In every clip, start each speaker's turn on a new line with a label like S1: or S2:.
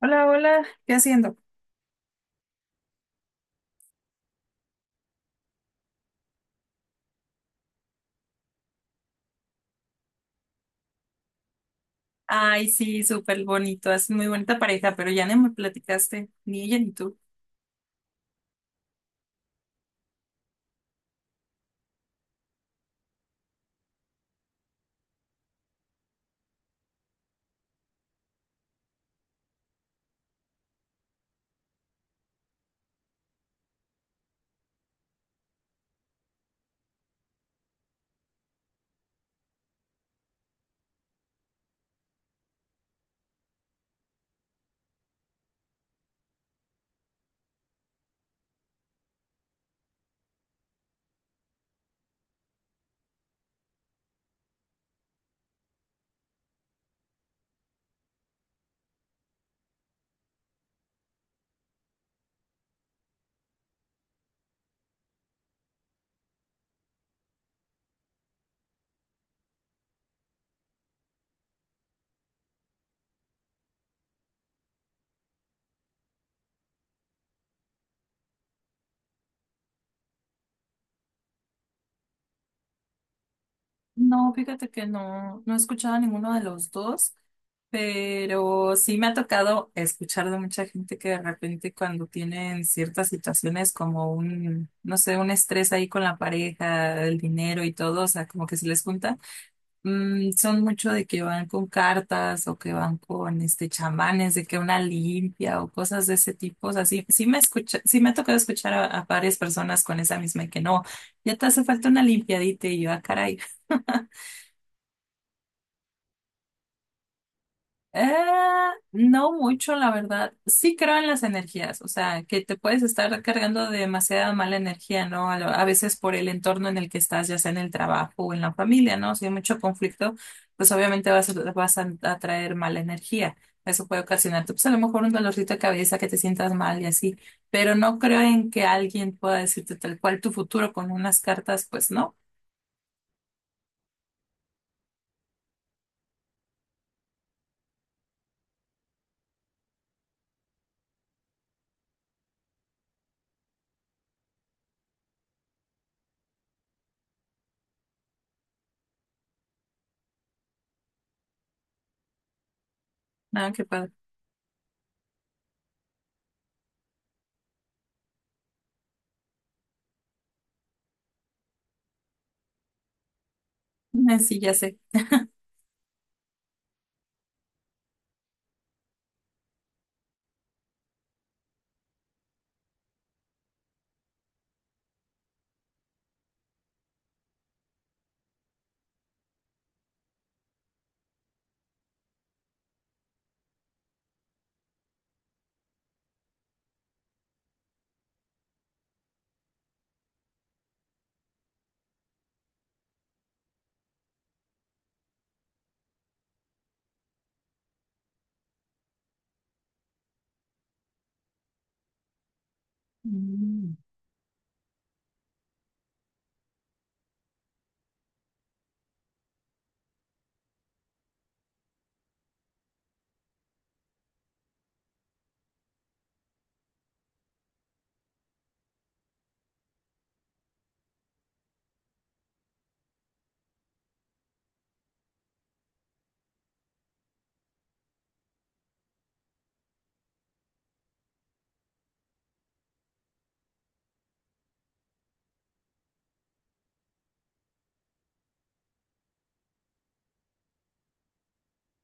S1: Hola, hola, ¿qué haciendo? Ay, sí, súper bonito, es muy bonita pareja, pero ya no me platicaste, ni ella ni tú. No, fíjate que no, no he escuchado a ninguno de los dos, pero sí me ha tocado escuchar de mucha gente que de repente cuando tienen ciertas situaciones como un, no sé, un estrés ahí con la pareja, el dinero y todo, o sea, como que se les junta. Mm, son mucho de que van con cartas o que van con este chamanes, de que una limpia o cosas de ese tipo. O sea, sí, sí me escucha, sí me ha tocado escuchar a varias personas con esa misma y que no, ya te hace falta una limpiadita y yo, ah, caray. Eh, no mucho, la verdad. Sí creo en las energías, o sea, que te puedes estar cargando de demasiada mala energía, ¿no? A, lo- a veces por el entorno en el que estás, ya sea en el trabajo o en la familia, ¿no? Si hay mucho conflicto, pues obviamente vas, a- vas a atraer mala energía. Eso puede ocasionarte, pues a lo mejor un dolorcito de cabeza, que te sientas mal y así. Pero no creo en que alguien pueda decirte tal cual tu futuro con unas cartas, pues no, nada que pueda. Ah, sí, ya sé. Mm.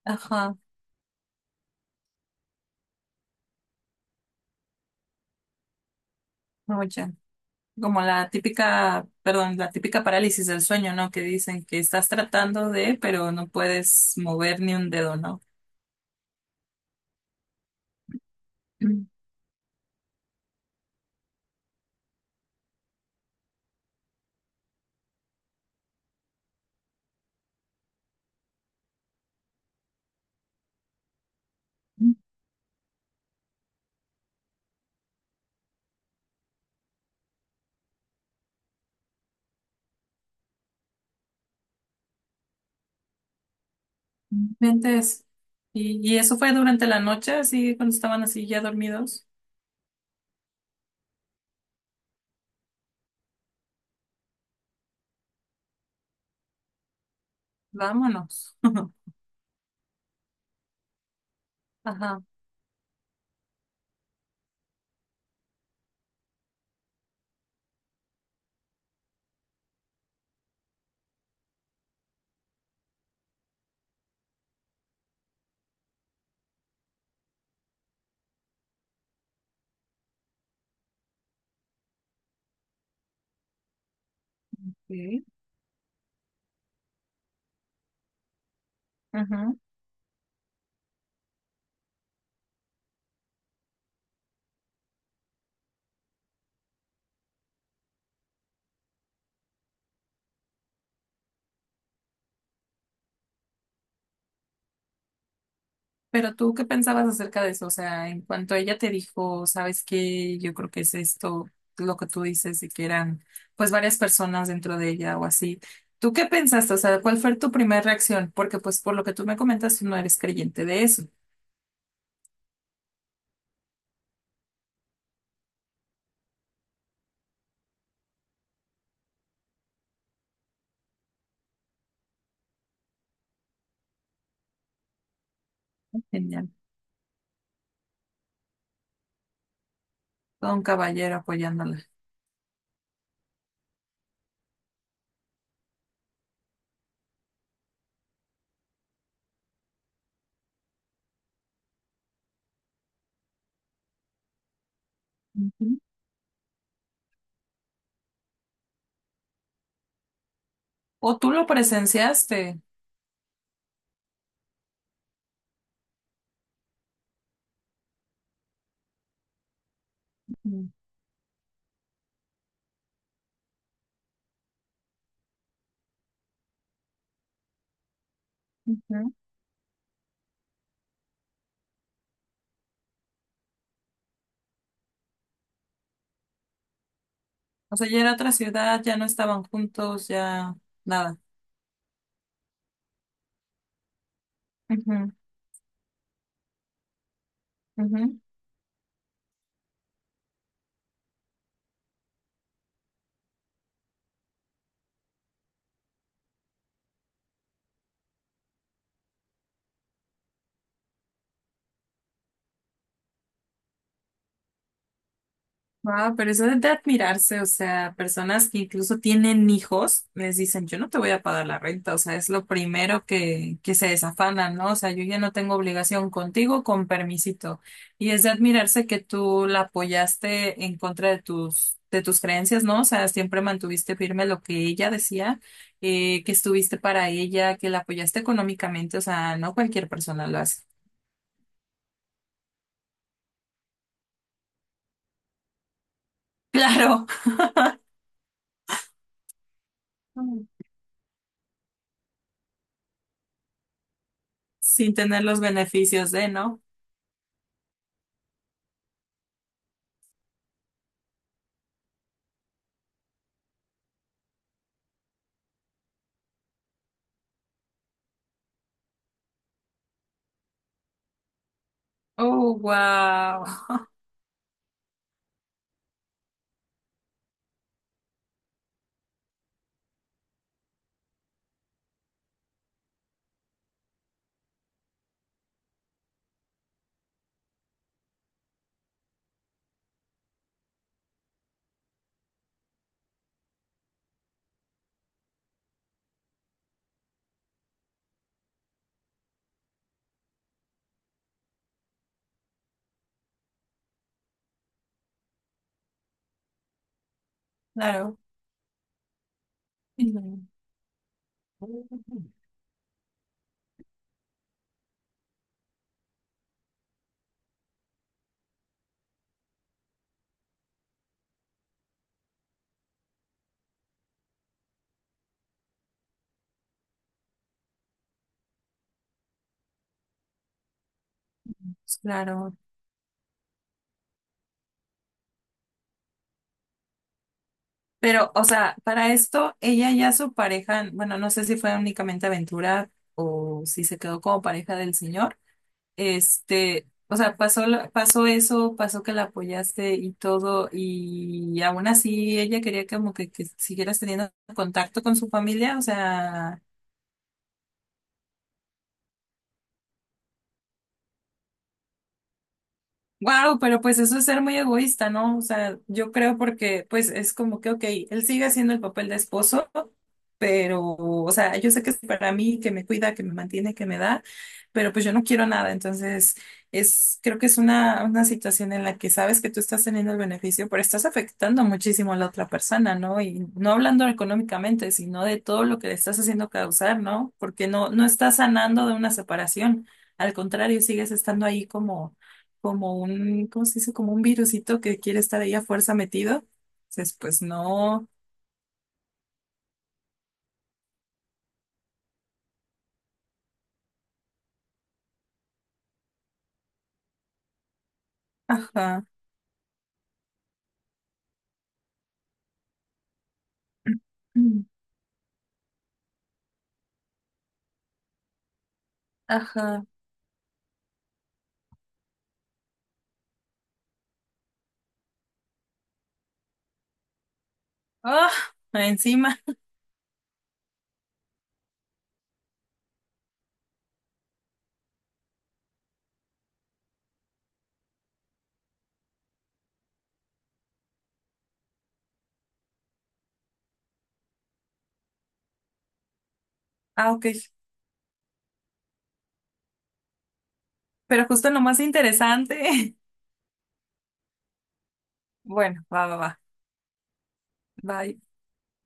S1: Ajá, no, ya. Como la típica, perdón, la típica parálisis del sueño, ¿no? Que dicen que estás tratando de, pero no puedes mover ni un dedo, ¿no? Entonces, y eso fue durante la noche, así cuando estaban así ya dormidos. Vámonos. Ajá. Sí. Pero tú, ¿qué pensabas acerca de eso? O sea, en cuanto ella te dijo, ¿sabes qué? Yo creo que es esto, lo que tú dices, de que eran pues varias personas dentro de ella o así. ¿Tú qué pensaste? O sea, ¿cuál fue tu primera reacción? Porque pues por lo que tú me comentas, tú no eres creyente de eso. Genial. Todo un caballero apoyándola. Ujú. O tú lo presenciaste. Ujú. Ujú. O sea, ya era otra ciudad, ya no estaban juntos, ya nada. Ujú, ujú. Wow, pero eso es de admirarse, o sea, personas que incluso tienen hijos, les dicen, yo no te voy a pagar la renta, o sea, es lo primero que se desafanan, ¿no? O sea, yo ya no tengo obligación contigo, con permisito. Y es de admirarse que tú la apoyaste en contra de tus creencias, ¿no? O sea, siempre mantuviste firme lo que ella decía, que estuviste para ella, que la apoyaste económicamente, o sea, no cualquier persona lo hace. Claro. Sin tener los beneficios de, ¿no? Oh, wow. Claro. Mm. Claro. Pero, o sea, para esto, ella ya su pareja, bueno, no sé si fue únicamente aventura o si se quedó como pareja del señor. Este, o sea, pasó, lo- pasó eso, pasó que la apoyaste y todo, y aún así ella quería como que siguieras teniendo contacto con su familia, o sea. Wow, pero pues eso es ser muy egoísta, ¿no? O sea, yo creo porque pues es como que, ok, él sigue haciendo el papel de esposo, pero, o sea, yo sé que es para mí, que me cuida, que me mantiene, que me da, pero pues yo no quiero nada. Entonces, es, creo que es una situación en la que sabes que tú estás teniendo el beneficio, pero estás afectando muchísimo a la otra persona, ¿no? Y no hablando económicamente, sino de todo lo que le estás haciendo causar, ¿no? Porque no, no estás sanando de una separación. Al contrario, sigues estando ahí como un, ¿cómo se dice? Como un virusito que quiere estar ahí a fuerza metido. Entonces, pues no. Ajá. Mm. Ajá. Ah, encima. Ah, ok. Pero justo en lo más interesante. Bueno, va, va, va. Bye.